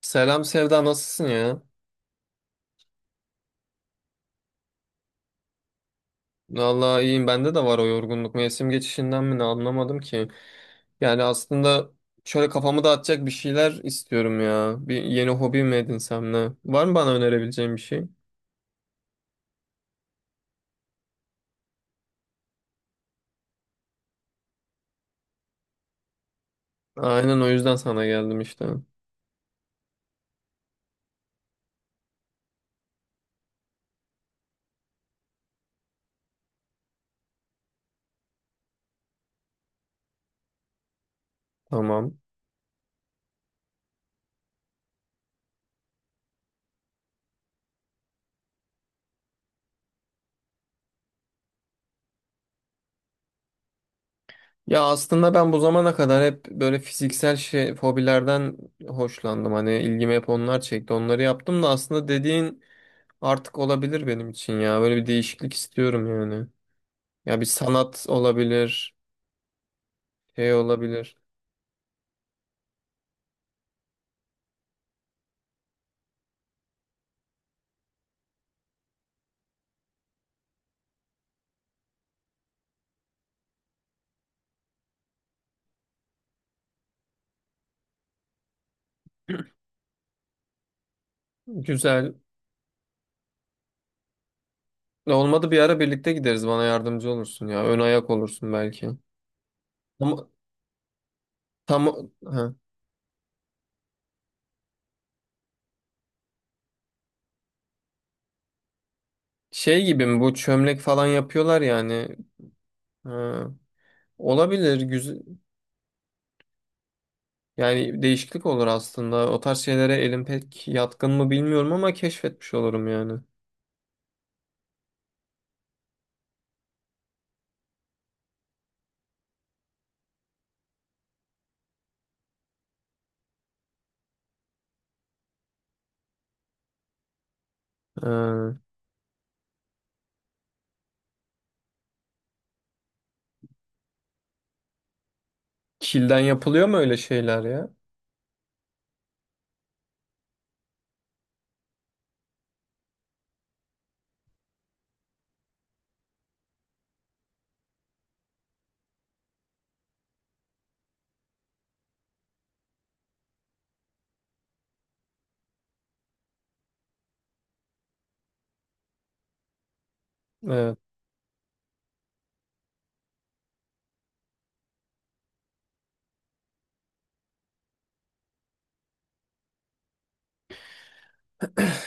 Selam Sevda, nasılsın ya? Vallahi iyiyim, bende de var o yorgunluk, mevsim geçişinden mi ne, anlamadım ki. Yani aslında şöyle kafamı dağıtacak bir şeyler istiyorum ya. Bir yeni hobi mi edinsem ne? Var mı bana önerebileceğin bir şey? Aynen, o yüzden sana geldim işte. Tamam. Ya aslında ben bu zamana kadar hep böyle fiziksel şey, hobilerden hoşlandım. Hani ilgimi hep onlar çekti. Onları yaptım da, aslında dediğin artık olabilir benim için ya. Böyle bir değişiklik istiyorum yani. Ya bir sanat olabilir, şey olabilir. Güzel. Ne olmadı bir ara birlikte gideriz. Bana yardımcı olursun ya. Ön ayak olursun belki. Ama tam ha. Şey gibi mi bu, çömlek falan yapıyorlar yani. Ha. Olabilir. Güzel. Yani değişiklik olur aslında. O tarz şeylere elim pek yatkın mı bilmiyorum ama keşfetmiş olurum yani. Ha. Kilden yapılıyor mu öyle şeyler ya?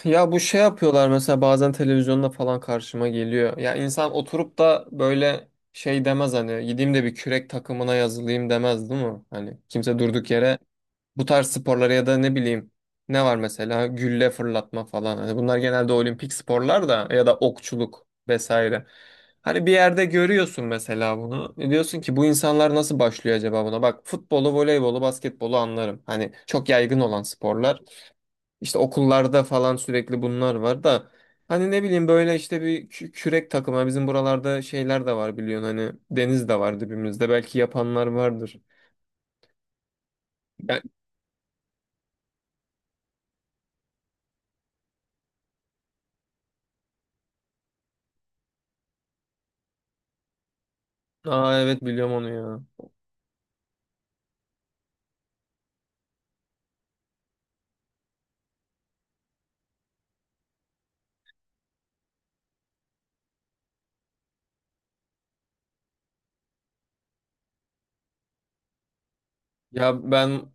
Ya bu şey yapıyorlar, mesela bazen televizyonda falan karşıma geliyor. Ya insan oturup da böyle şey demez, hani gideyim de bir kürek takımına yazılayım demez değil mi? Hani kimse durduk yere bu tarz sporlara ya da ne bileyim, ne var mesela, gülle fırlatma falan. Hani bunlar genelde olimpik sporlar da, ya da okçuluk vesaire. Hani bir yerde görüyorsun mesela bunu. E diyorsun ki bu insanlar nasıl başlıyor acaba buna? Bak futbolu, voleybolu, basketbolu anlarım. Hani çok yaygın olan sporlar. İşte okullarda falan sürekli bunlar var da, hani ne bileyim, böyle işte bir kürek takımı, bizim buralarda şeyler de var biliyorsun, hani deniz de var dibimizde, belki yapanlar vardır. Ben, aa, evet, biliyorum onu ya. Ya ben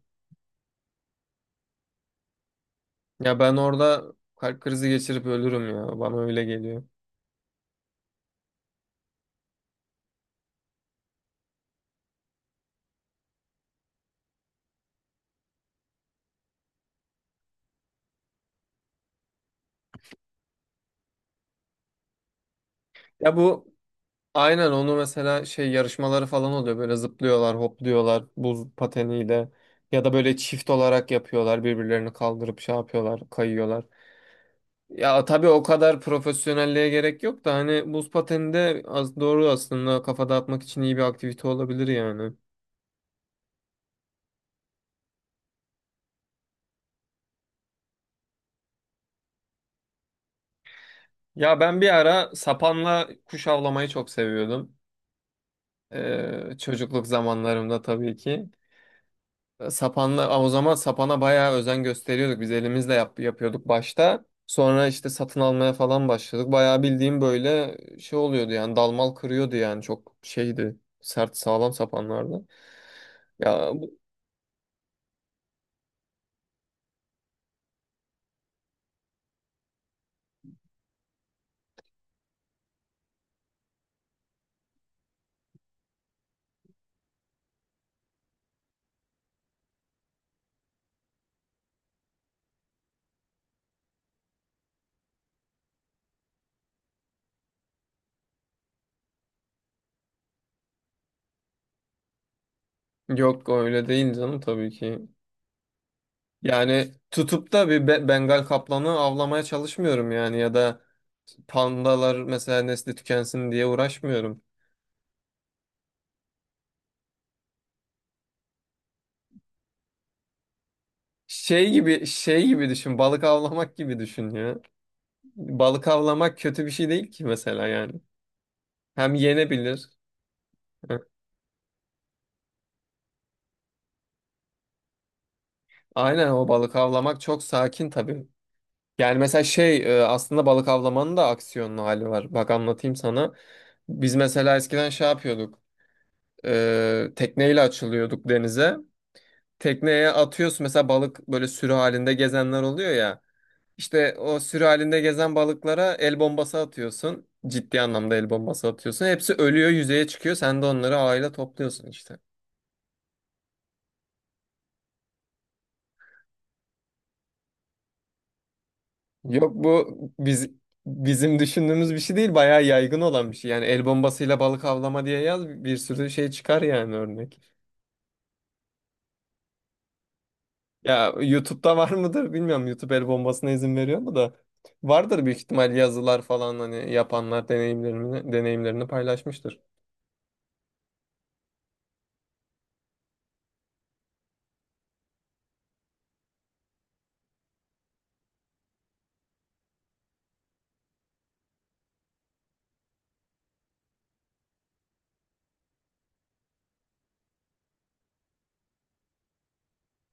ya ben orada kalp krizi geçirip ölürüm ya, bana öyle geliyor. Ya bu, aynen onu mesela, şey yarışmaları falan oluyor, böyle zıplıyorlar hopluyorlar buz pateniyle, ya da böyle çift olarak yapıyorlar, birbirlerini kaldırıp şey yapıyorlar, kayıyorlar. Ya tabii o kadar profesyonelliğe gerek yok da, hani buz pateni de az doğru aslında, kafa dağıtmak için iyi bir aktivite olabilir yani. Ya ben bir ara sapanla kuş avlamayı çok seviyordum. Çocukluk zamanlarımda tabii ki. Sapanla aa, o zaman sapana bayağı özen gösteriyorduk. Biz elimizle yapıyorduk başta. Sonra işte satın almaya falan başladık. Bayağı bildiğim böyle şey oluyordu yani, dalmal kırıyordu yani, çok şeydi. Sert sağlam sapanlardı. Ya Yok öyle değil canım, tabii ki. Yani tutup da Bengal kaplanı avlamaya çalışmıyorum yani, ya da pandalar mesela nesli tükensin diye uğraşmıyorum. Şey gibi düşün, balık avlamak gibi düşün ya. Balık avlamak kötü bir şey değil ki mesela yani. Hem yenebilir. Hı. Aynen, o balık avlamak çok sakin tabii. Yani mesela aslında balık avlamanın da aksiyonlu hali var. Bak anlatayım sana. Biz mesela eskiden şey yapıyorduk. Tekneyle açılıyorduk denize. Tekneye atıyorsun mesela, balık böyle sürü halinde gezenler oluyor ya. İşte o sürü halinde gezen balıklara el bombası atıyorsun. Ciddi anlamda el bombası atıyorsun. Hepsi ölüyor, yüzeye çıkıyor. Sen de onları ağıyla topluyorsun işte. Yok bu biz bizim düşündüğümüz bir şey değil. Bayağı yaygın olan bir şey. Yani el bombasıyla balık avlama diye yaz, bir sürü şey çıkar yani, örnek. Ya YouTube'da var mıdır bilmiyorum. YouTube el bombasına izin veriyor mu da. Vardır büyük ihtimal, yazılar falan, hani yapanlar deneyimlerini paylaşmıştır.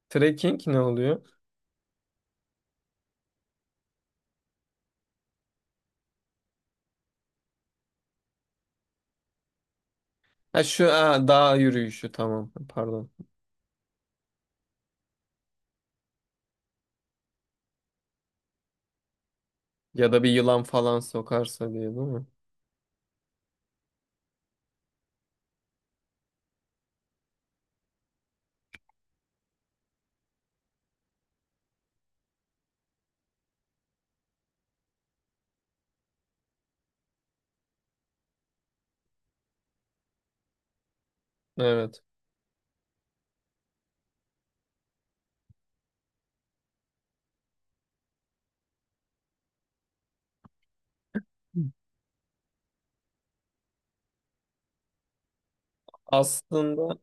Trekking ne oluyor? Ha şu ha, dağ yürüyüşü, tamam, pardon. Ya da bir yılan falan sokarsa diye, değil mi? Evet. Aslında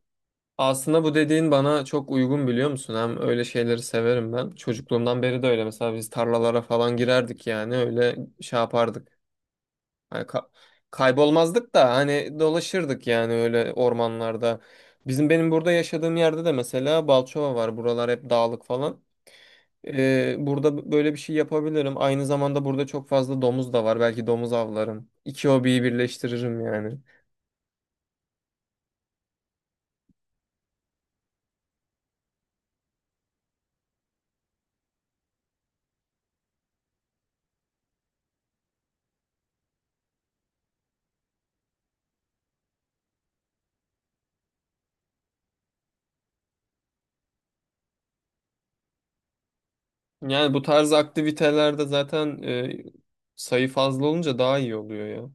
aslında bu dediğin bana çok uygun, biliyor musun? Hem öyle şeyleri severim ben. Çocukluğumdan beri de öyle. Mesela biz tarlalara falan girerdik, yani öyle şey yapardık. Hani ka- kaybolmazdık da hani, dolaşırdık yani, öyle ormanlarda. Benim burada yaşadığım yerde de mesela Balçova var. Buralar hep dağlık falan. Burada böyle bir şey yapabilirim. Aynı zamanda burada çok fazla domuz da var. Belki domuz avlarım. İki hobiyi birleştiririm yani. Yani bu tarz aktivitelerde zaten sayı fazla olunca daha iyi oluyor ya.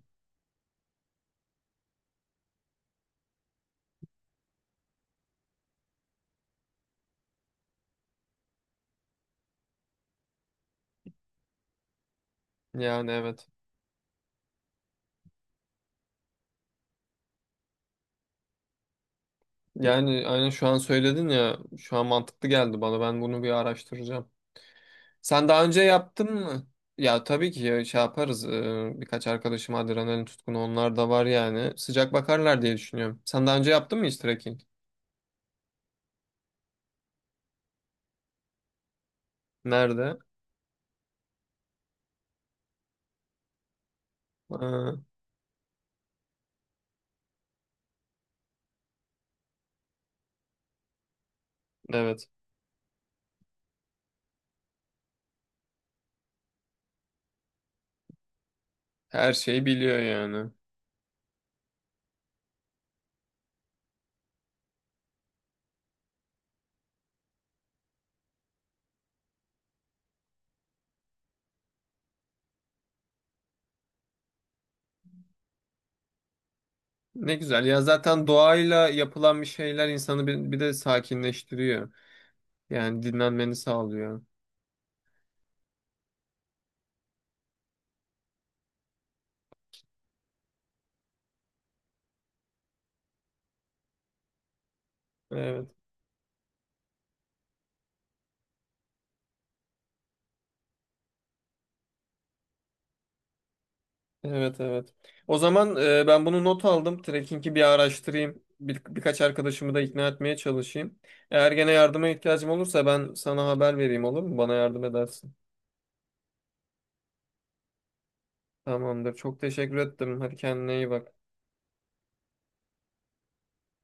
Yani evet. Yani aynen, şu an söyledin ya, şu an mantıklı geldi bana, ben bunu bir araştıracağım. Sen daha önce yaptın mı? Ya tabii ki ya, şey yaparız. Birkaç arkadaşım adrenalin tutkunu, onlar da var yani, sıcak bakarlar diye düşünüyorum. Sen daha önce yaptın mı hiç trekking? Nerede? Ha, evet, her şeyi biliyor yani. Ne güzel ya, zaten doğayla yapılan bir şeyler insanı bir de sakinleştiriyor. Yani dinlenmeni sağlıyor. Evet. Evet, evet. O zaman ben bunu not aldım. Trekking'i bir araştırayım. Birkaç arkadaşımı da ikna etmeye çalışayım. Eğer gene yardıma ihtiyacım olursa ben sana haber vereyim, olur mu? Bana yardım edersin. Tamamdır. Çok teşekkür ettim. Hadi kendine iyi bak.